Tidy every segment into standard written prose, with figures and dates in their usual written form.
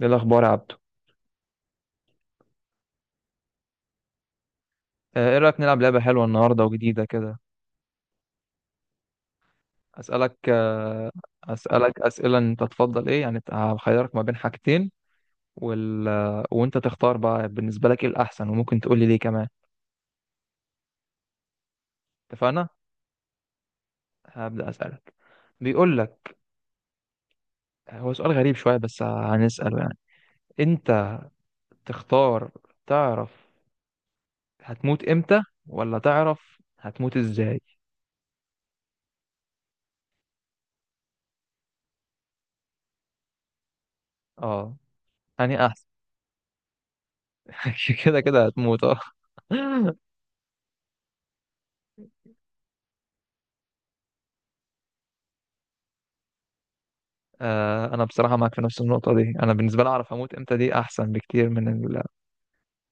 ايه الاخبار يا عبدو؟ ايه رايك نلعب لعبه حلوه النهارده وجديده كده؟ اسالك آه، اسالك اسئله، انت تفضل ايه؟ يعني هخيرك ما بين حاجتين وال... آه، وانت تختار بقى بالنسبه لك ايه الاحسن، وممكن تقول لي ليه كمان. اتفقنا. هبدا اسالك. بيقول لك هو سؤال غريب شويه بس هنساله يعني. انت تختار تعرف هتموت امتى ولا تعرف هتموت ازاي؟ اه يعني احسن. كده كده هتموت اه. انا بصراحه معاك في نفس النقطه دي. انا بالنسبه لي اعرف هموت امتى دي احسن بكتير من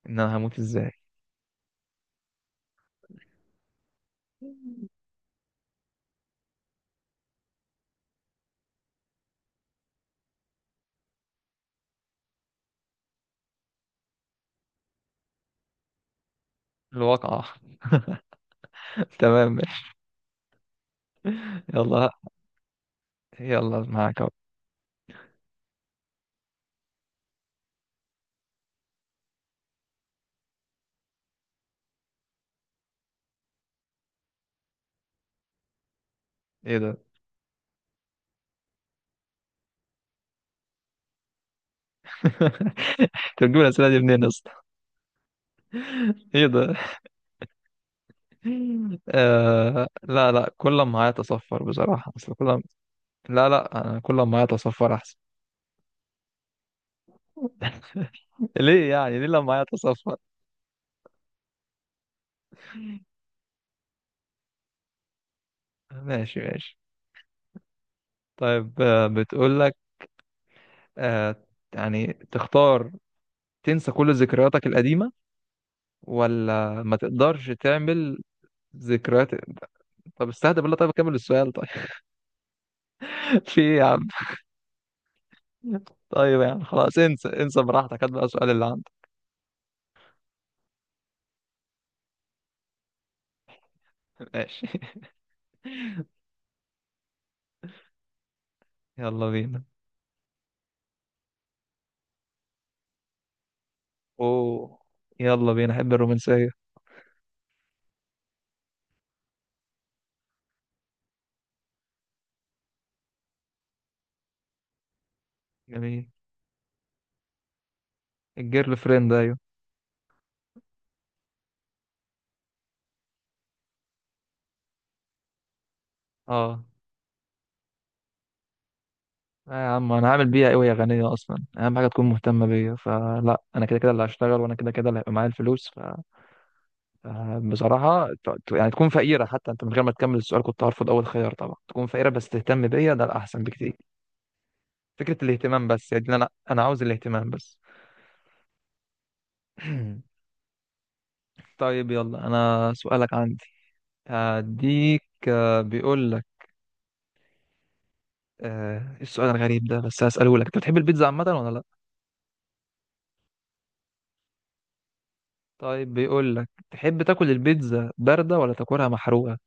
ان انا هموت ازاي. الواقعه. تمام. يلا. يلا معاك اهو. ايه ده؟ تجيب الاسئله دي منين اصلا؟ ايه ده؟ آه، لا لا، كل ما معايا اتصفر بصراحه، اصل كل ما... لا لا، انا كل ما معايا اتصفر احسن. ليه يعني؟ ليه لما معايا اتصفر؟ ماشي ماشي. طيب بتقول لك آه يعني تختار تنسى كل ذكرياتك القديمه ولا ما تقدرش تعمل ذكريات؟ طب استهدى بالله، طيب كمل السؤال طيب. في إيه يا عم؟ طيب يعني خلاص، انسى انسى براحتك، هات بقى السؤال اللي عندك. ماشي. يلا بينا. اوه، يلا بينا، احب الرومانسية. جميل. الجيرل فريند، ايوه. اه. لا يا عم، انا هعمل بيها ايه وهي غنية؟ اصلا اهم حاجة تكون مهتمة بيا، فلا، انا كده كده اللي هشتغل وانا كده كده اللي هيبقى معايا الفلوس. بصراحة يعني تكون فقيرة، حتى أنت من غير ما تكمل السؤال كنت هرفض أول خيار. طبعا تكون فقيرة بس تهتم بيا، ده الأحسن بكتير. فكرة الاهتمام بس، يعني أنا عاوز الاهتمام بس. طيب يلا، أنا سؤالك عندي. هديك بيقول لك إيه السؤال الغريب ده؟ بس هسأله لك. أنت بتحب البيتزا عامة ولا لأ؟ طيب بيقول لك تحب تاكل البيتزا باردة ولا تاكلها محروقة؟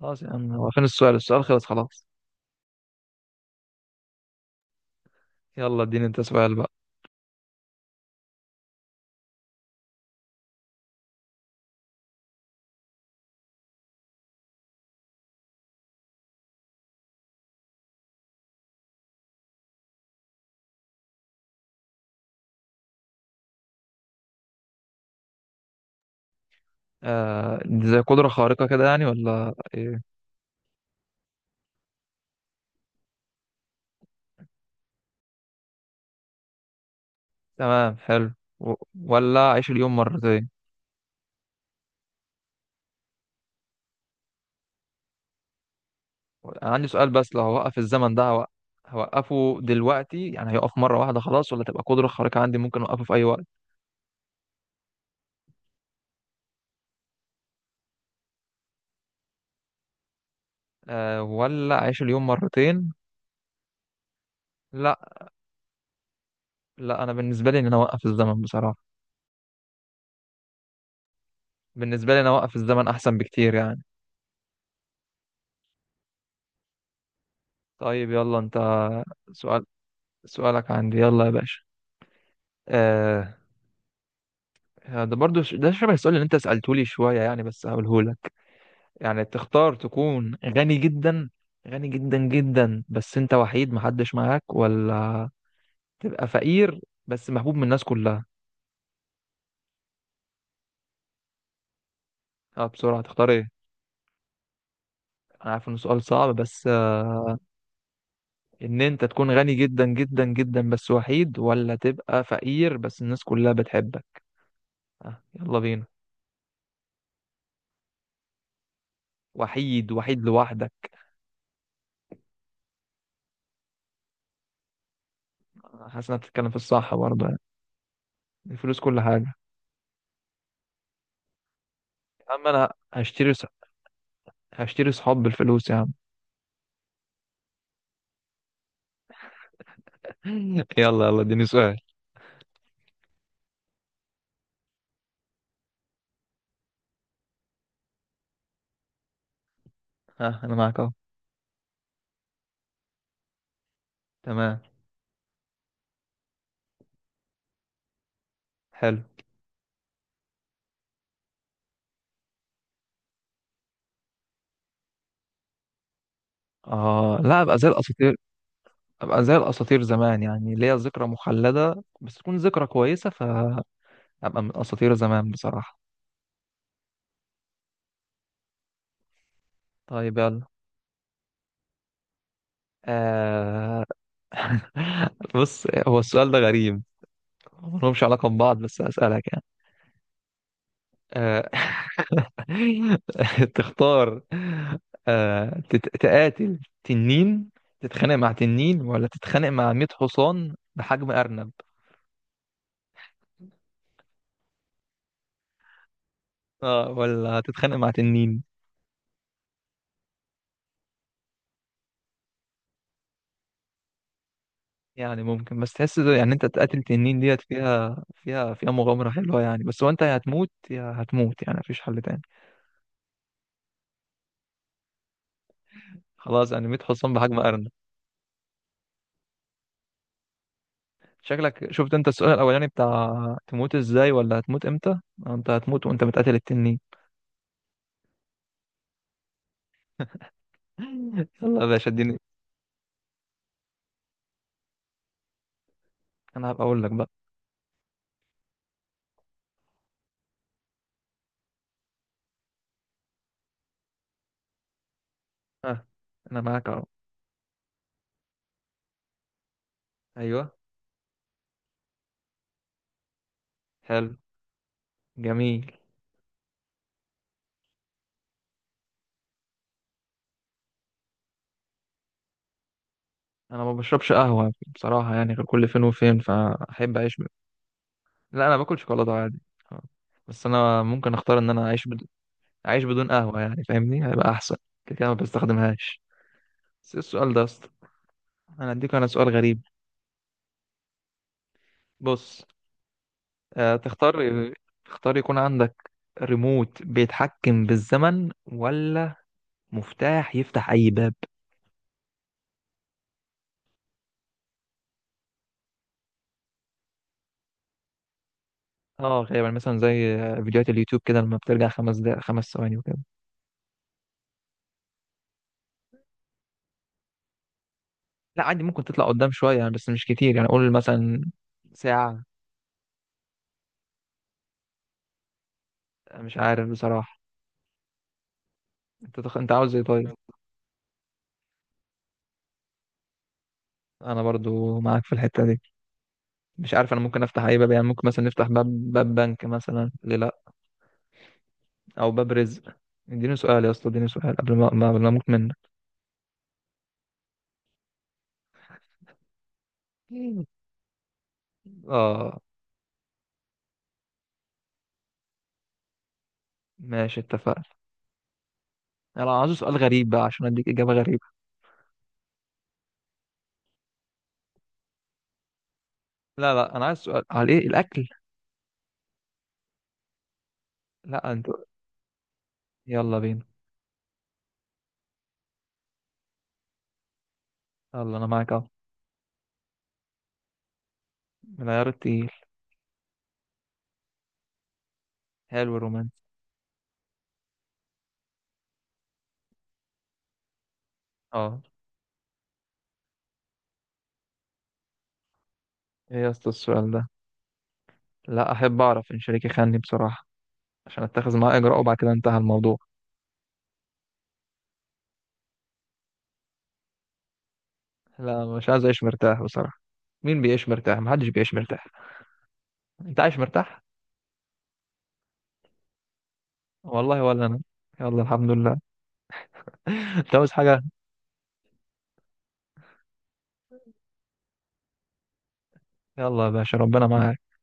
خلاص يا عم، هو فين السؤال؟ السؤال خلص خلاص. يلا اديني أنت سؤال بقى. دي زي قدرة خارقة كده يعني ولا إيه؟ تمام، حلو. و- ولا أعيش اليوم مرتين. انا عندي سؤال، بس لو هوقف الزمن ده هوقفه دلوقتي يعني هيقف مرة واحدة خلاص، ولا تبقى قدرة خارقة عندي ممكن أوقفه في أي وقت؟ أه، ولا أعيش اليوم مرتين؟ لا لا، أنا بالنسبة لي إن أنا أوقف الزمن بصراحة، بالنسبة لي أنا أوقف الزمن أحسن بكتير يعني. طيب يلا أنت. سؤال. سؤالك عندي، يلا يا باشا. أه، ده برضو ده شبه السؤال اللي أنت سألته لي شوية يعني، بس هقوله لك. يعني تختار تكون غني جدا، غني جدا جدا بس انت وحيد، محدش معاك، ولا تبقى فقير بس محبوب من الناس كلها؟ اه بسرعة، تختار ايه؟ انا عارف انه سؤال صعب بس ان انت تكون غني جدا جدا جدا بس وحيد، ولا تبقى فقير بس الناس كلها بتحبك؟ يلا بينا. وحيد، وحيد لوحدك. حاسس انك بتتكلم في الصح برضه يعني. الفلوس كل حاجة. يا عم انا هشتري صحاب بالفلوس يا عم. يلا يلا، اديني سؤال. ها، انا معاك اهو. تمام، حلو. آه لا، أبقى زي الأساطير. أبقى زي الأساطير زمان، يعني ليا ذكرى مخلدة بس تكون ذكرى كويسة، فأبقى من أساطير زمان بصراحة. طيب يلا. آه. بص هو السؤال ده غريب، ملهمش علاقة ببعض بس هسألك يعني. آه. تختار آه تقاتل تنين، تتخانق مع تنين ولا تتخانق مع 100 حصان بحجم أرنب؟ آه ولا تتخانق مع تنين؟ يعني ممكن، بس تحس يعني انت تقاتل تنين ديت فيها مغامرة حلوة يعني، بس هو انت يا هتموت يا هتموت، يعني مفيش حل تاني. خلاص يعني 100 حصان بحجم أرنب. شكلك شفت انت السؤال الأولاني بتاع تموت ازاي ولا هتموت امتى. انت هتموت وانت بتقاتل التنين. يلا يا باشا اديني. انا هبقى اقول لك بقى. ها، انا معاك اهو. ايوه. حلو. جميل. انا ما بشربش قهوة بصراحة يعني غير كل فين وفين، فاحب اعيش لا، انا باكل شوكولاتة عادي. آه. بس انا ممكن اختار ان انا اعيش، اعيش بدون قهوه يعني، فاهمني؟ هيبقى احسن، كده كده ما بستخدمهاش. بس إيه السؤال ده يا اسطى؟ انا اديك انا سؤال غريب. بص. آه تختار، تختار يكون عندك ريموت بيتحكم بالزمن، ولا مفتاح يفتح اي باب؟ اه غالبا مثلا زي فيديوهات اليوتيوب كده، لما بترجع خمس دقائق، خمس ثواني، وكده. لا عادي، ممكن تطلع قدام شويه يعني، بس مش كتير يعني، قول مثلا ساعه. مش عارف بصراحه. انت عاوز ايه طيب؟ انا برضو معاك في الحته دي. مش عارف، انا ممكن افتح اي باب، يعني ممكن مثلا نفتح باب، باب بنك مثلا، ليه لا؟ او باب رزق. اديني سؤال يا اسطى، اديني سؤال قبل ما اموت منك. اه. ماشي اتفقنا. انا عايز سؤال غريب بقى عشان اديك اجابه غريبه. لا لا، انا عايز سؤال على ايه، الاكل. لا انت، يلا بينا. يلا انا معاك اهو. العيار التقيل. حلو الرومانسي. اه. ايه يا اسطى السؤال ده؟ لا، احب اعرف ان شريكي خانني بصراحه عشان اتخذ معاه اجراء وبعد كده انتهى الموضوع. لا مش عايز اعيش مرتاح بصراحه. مين بيعيش مرتاح؟ محدش بيعيش مرتاح. انت عايش مرتاح؟ والله ولا انا. يلا الحمد لله. انت عاوز حاجة؟ يلا يا باشا، ربنا معاك.